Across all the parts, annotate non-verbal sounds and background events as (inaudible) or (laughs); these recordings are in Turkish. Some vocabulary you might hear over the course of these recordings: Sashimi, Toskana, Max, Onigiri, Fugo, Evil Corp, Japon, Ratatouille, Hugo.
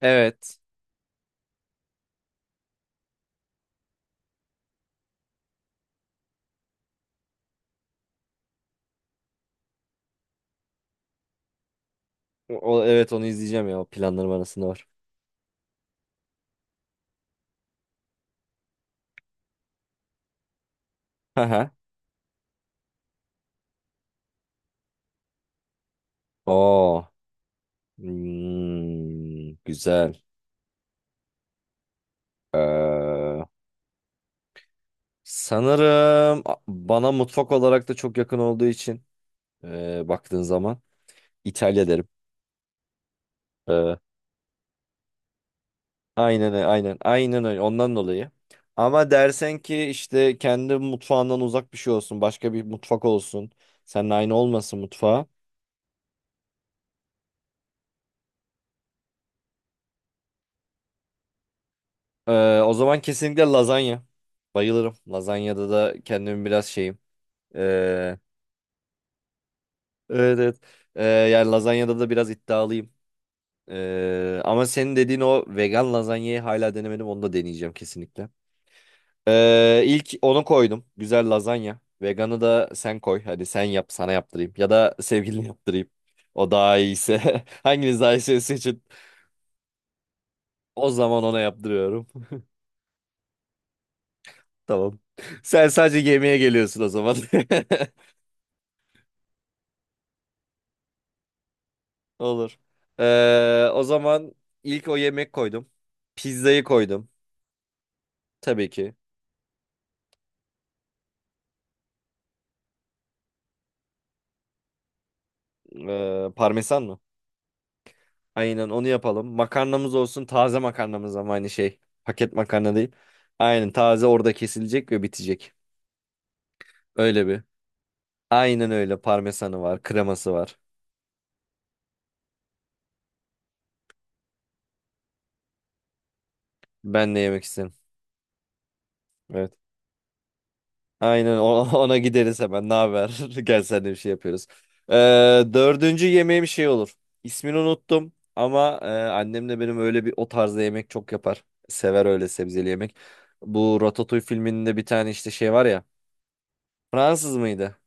Evet. O, evet onu izleyeceğim ya. O planlarım arasında var. Haha. Oo. Hmm, güzel. Ee, Sanırım bana mutfak olarak da çok yakın olduğu için baktığın zaman İtalya derim. Ee, aynen öyle, aynen aynen öyle ondan dolayı. Ama dersen ki işte kendi mutfağından uzak bir şey olsun, başka bir mutfak olsun, seninle aynı olmasın mutfağı. O zaman kesinlikle lazanya. Bayılırım. Lazanyada da kendimi biraz şeyim. Ee, evet, evet. Yani lazanyada da biraz iddialıyım. Ama senin dediğin o vegan lazanyayı hala denemedim. Onu da deneyeceğim kesinlikle. İlk onu koydum. Güzel lazanya. Veganı da sen koy. Hadi sen yap, sana yaptırayım. Ya da sevgiline yaptırayım. O daha iyiyse. (laughs) Hanginiz daha iyiyse seçin. O zaman ona yaptırıyorum. (laughs) Tamam. Sen sadece yemeğe geliyorsun o zaman. (laughs) Olur. O zaman ilk o yemek koydum. Pizzayı koydum. Tabii ki. Parmesan mı? Aynen onu yapalım. Makarnamız olsun, taze makarnamız ama aynı şey. Paket makarna değil. Aynen, taze orada kesilecek ve bitecek. Öyle bir. Aynen öyle, parmesanı var, kreması var. Ben de yemek isterim. Evet. Aynen (laughs) ona gideriz hemen. Ne haber? (laughs) Gel, sen de bir şey yapıyoruz. Ee, Dördüncü yemeğim şey olur. İsmini unuttum ama annem de benim öyle bir o tarzda yemek çok yapar. Sever öyle sebzeli yemek. Bu Ratatouille filminde bir tane işte şey var ya. Fransız mıydı?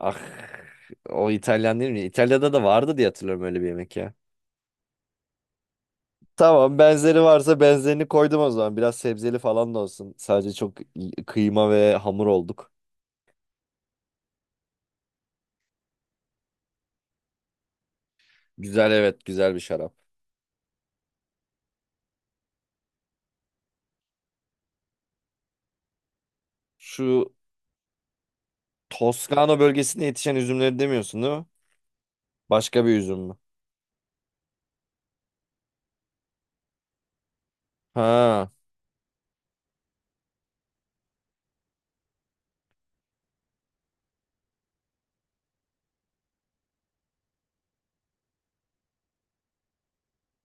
Ah, o İtalyan değil mi? İtalya'da da vardı diye hatırlıyorum öyle bir yemek ya. Tamam, benzeri varsa benzerini koydum o zaman. Biraz sebzeli falan da olsun. Sadece çok kıyma ve hamur olduk. Güzel, evet, güzel bir şarap. Şu Toskana bölgesinde yetişen üzümleri demiyorsun değil mi? Başka bir üzüm mü? Ha,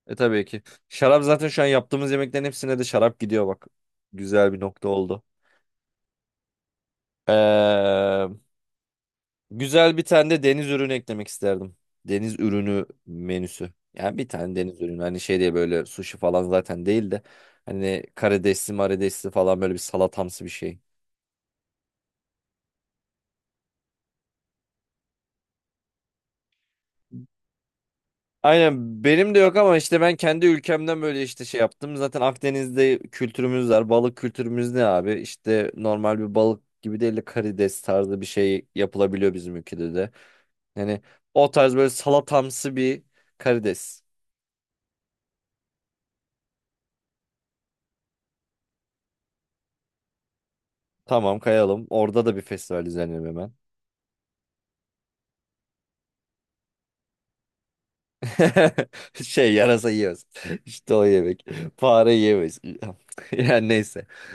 tabii ki. Şarap zaten, şu an yaptığımız yemeklerin hepsine de şarap gidiyor bak. Güzel bir nokta oldu. Ee. Güzel bir tane de deniz ürünü eklemek isterdim. Deniz ürünü menüsü. Yani bir tane deniz ürünü. Hani şey diye böyle sushi falan zaten değil de. Hani karidesli maridesli falan böyle bir salatamsı bir şey. Aynen, benim de yok ama işte ben kendi ülkemden böyle işte şey yaptım. Zaten Akdeniz'de kültürümüz var. Balık kültürümüz ne abi? İşte normal bir balık gibi değil de karides tarzı bir şey yapılabiliyor bizim ülkede de. Yani o tarz böyle salatamsı bir karides. Tamam, kayalım. Orada da bir festival düzenleyelim hemen. (laughs) Şey, yarasa yiyoruz. (laughs) İşte o yemek. Fare yiyemeyiz. (laughs) Yani neyse. (laughs)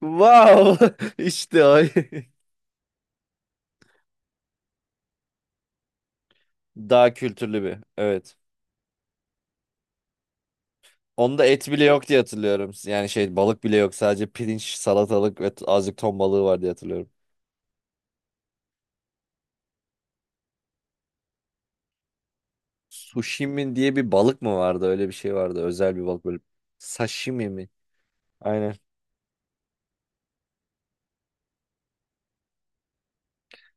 Wow! (laughs) İşte o. Daha kültürlü bir. Evet. Onda et bile yok diye hatırlıyorum. Yani şey, balık bile yok. Sadece pirinç, salatalık ve azıcık ton balığı var diye hatırlıyorum. Sushi mi diye bir balık mı vardı? Öyle bir şey vardı. Özel bir balık böyle. Sashimi mi? Aynen.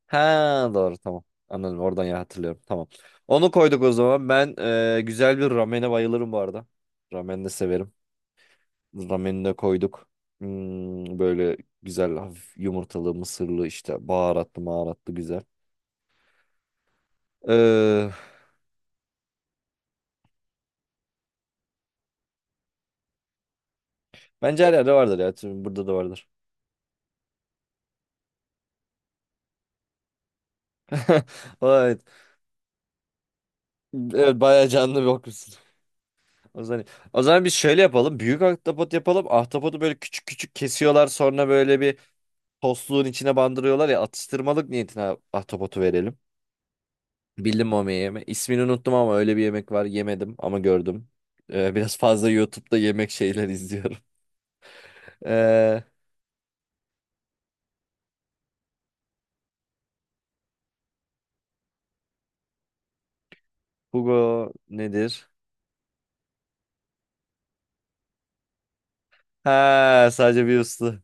Ha, doğru, tamam. Anladım oradan ya, hatırlıyorum. Tamam. Onu koyduk o zaman. Ben güzel bir ramene bayılırım bu arada. Ramen de severim. Rameni de koyduk. Böyle güzel, hafif yumurtalı, mısırlı, işte baharatlı maharatlı, güzel. Ee, Bence her yerde vardır ya. Burada da vardır. (laughs) Evet. Evet, bayağı canlı bir okursun. O zaman, o zaman biz şöyle yapalım. Büyük ahtapot yapalım. Ahtapotu böyle küçük küçük kesiyorlar. Sonra böyle bir tostluğun içine bandırıyorlar ya, atıştırmalık niyetine ahtapotu verelim. Bildim mi o yemeği? İsmini unuttum ama öyle bir yemek var. Yemedim ama gördüm. Biraz fazla YouTube'da yemek şeyler izliyorum. (laughs) Ee, Hugo nedir? Ha, sadece bir usta.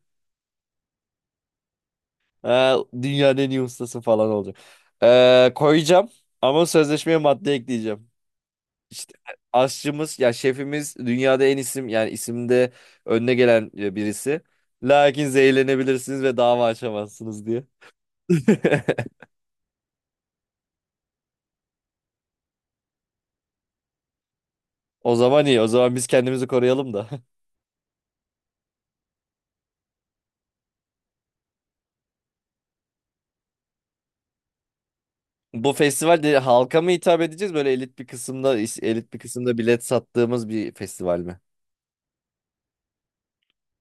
Ha, dünyanın en iyi ustası falan olacak. Koyacağım ama sözleşmeye madde ekleyeceğim. İşte aşçımız ya şefimiz dünyada en isim, yani isimde önüne gelen birisi. Lakin zehirlenebilirsiniz ve dava açamazsınız diye. (laughs) O zaman iyi. O zaman biz kendimizi koruyalım da. (laughs) Bu festivalde halka mı hitap edeceğiz? Böyle elit bir kısımda bilet sattığımız bir festival mi?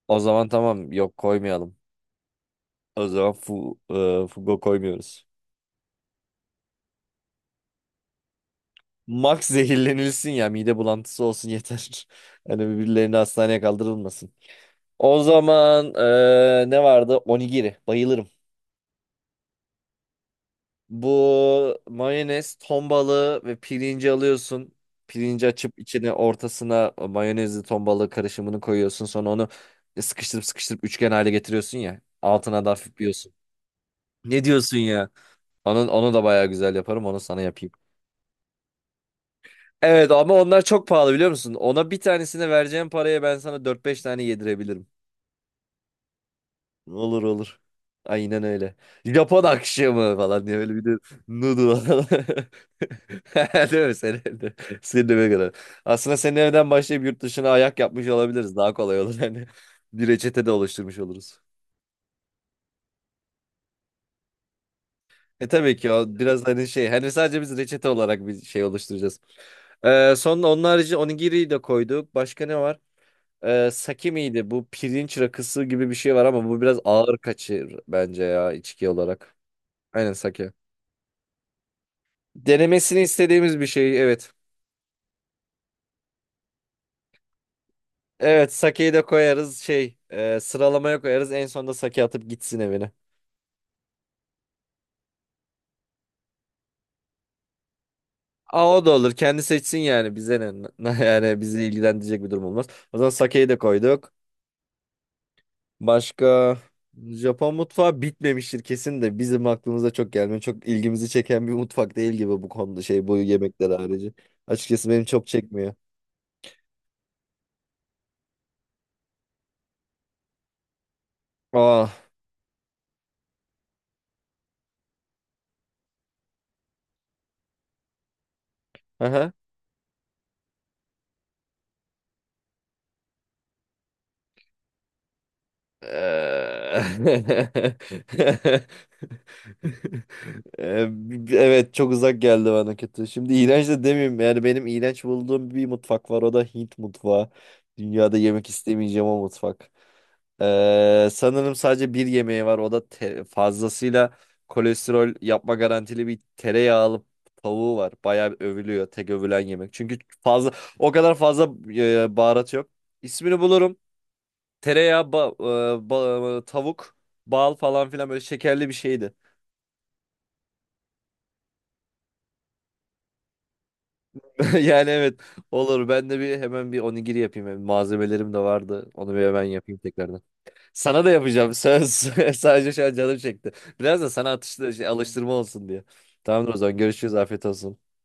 O zaman tamam. Yok, koymayalım. O zaman Fugo koymuyoruz. Max (laughs) zehirlenilsin ya. Mide bulantısı olsun yeter. (laughs) Hani birbirlerini hastaneye kaldırılmasın. O zaman ne vardı? Onigiri. Bayılırım. Bu mayonez, ton balığı ve pirinci alıyorsun. Pirinci açıp içine, ortasına mayonezli ton balığı karışımını koyuyorsun. Sonra onu sıkıştırıp sıkıştırıp üçgen hale getiriyorsun ya. Altına da hafif bir yosun. Ne diyorsun ya? Onu da bayağı güzel yaparım. Onu sana yapayım. Evet ama onlar çok pahalı, biliyor musun? Ona, bir tanesine vereceğim paraya ben sana dört beş tane yedirebilirim. Olur, olur. Aynen öyle. Japon akşamı falan diye böyle bir de noodle falan. (laughs) Değil mi, senin evde? Senin eve kadar. Aslında senin evden başlayıp yurt dışına ayak yapmış olabiliriz. Daha kolay olur. (laughs) Hani bir reçete de oluşturmuş oluruz. E, tabii ki o biraz hani şey. Hani sadece biz reçete olarak bir şey oluşturacağız. Sonra onun harici onigiri de koyduk. Başka ne var? Sake miydi? Bu pirinç rakısı gibi bir şey var ama bu biraz ağır kaçır bence ya, içki olarak. Aynen, sake. Denemesini istediğimiz bir şey, evet. Evet, sakeyi de koyarız, şey, sıralamaya koyarız, en sonunda sake atıp gitsin evine. Aa, o da olur, kendi seçsin, yani bize ne (laughs) yani bizi ilgilendirecek bir durum olmaz. O zaman sakeyi de koyduk. Başka Japon mutfağı bitmemiştir kesin de bizim aklımıza çok gelmiyor. Çok ilgimizi çeken bir mutfak değil gibi bu konuda, şey, bu yemekler harici. Açıkçası benim çok çekmiyor. Aa. (laughs) Eee. (laughs) Eee, evet, çok uzak geldi bana, kötü. Şimdi iğrenç de demeyeyim. Yani benim iğrenç bulduğum bir mutfak var. O da Hint mutfağı. Dünyada yemek istemeyeceğim o mutfak. Sanırım sadece bir yemeği var. O da fazlasıyla kolesterol yapma garantili bir tereyağlı tavuğu var. Bayağı övülüyor. Tek övülen yemek. Çünkü o kadar fazla baharat yok. İsmini bulurum. Tereyağı, tavuk, bal falan filan böyle şekerli bir şeydi. (laughs) Yani evet, olur. Ben de hemen bir onigiri yapayım. Hem malzemelerim de vardı. Onu bir hemen yapayım tekrardan. Sana da yapacağım. Söz. (laughs) Sadece şu an canım çekti. Biraz da sana atıştı, alıştırma olsun diye. Tamamdır, o zaman görüşürüz. Afiyet olsun.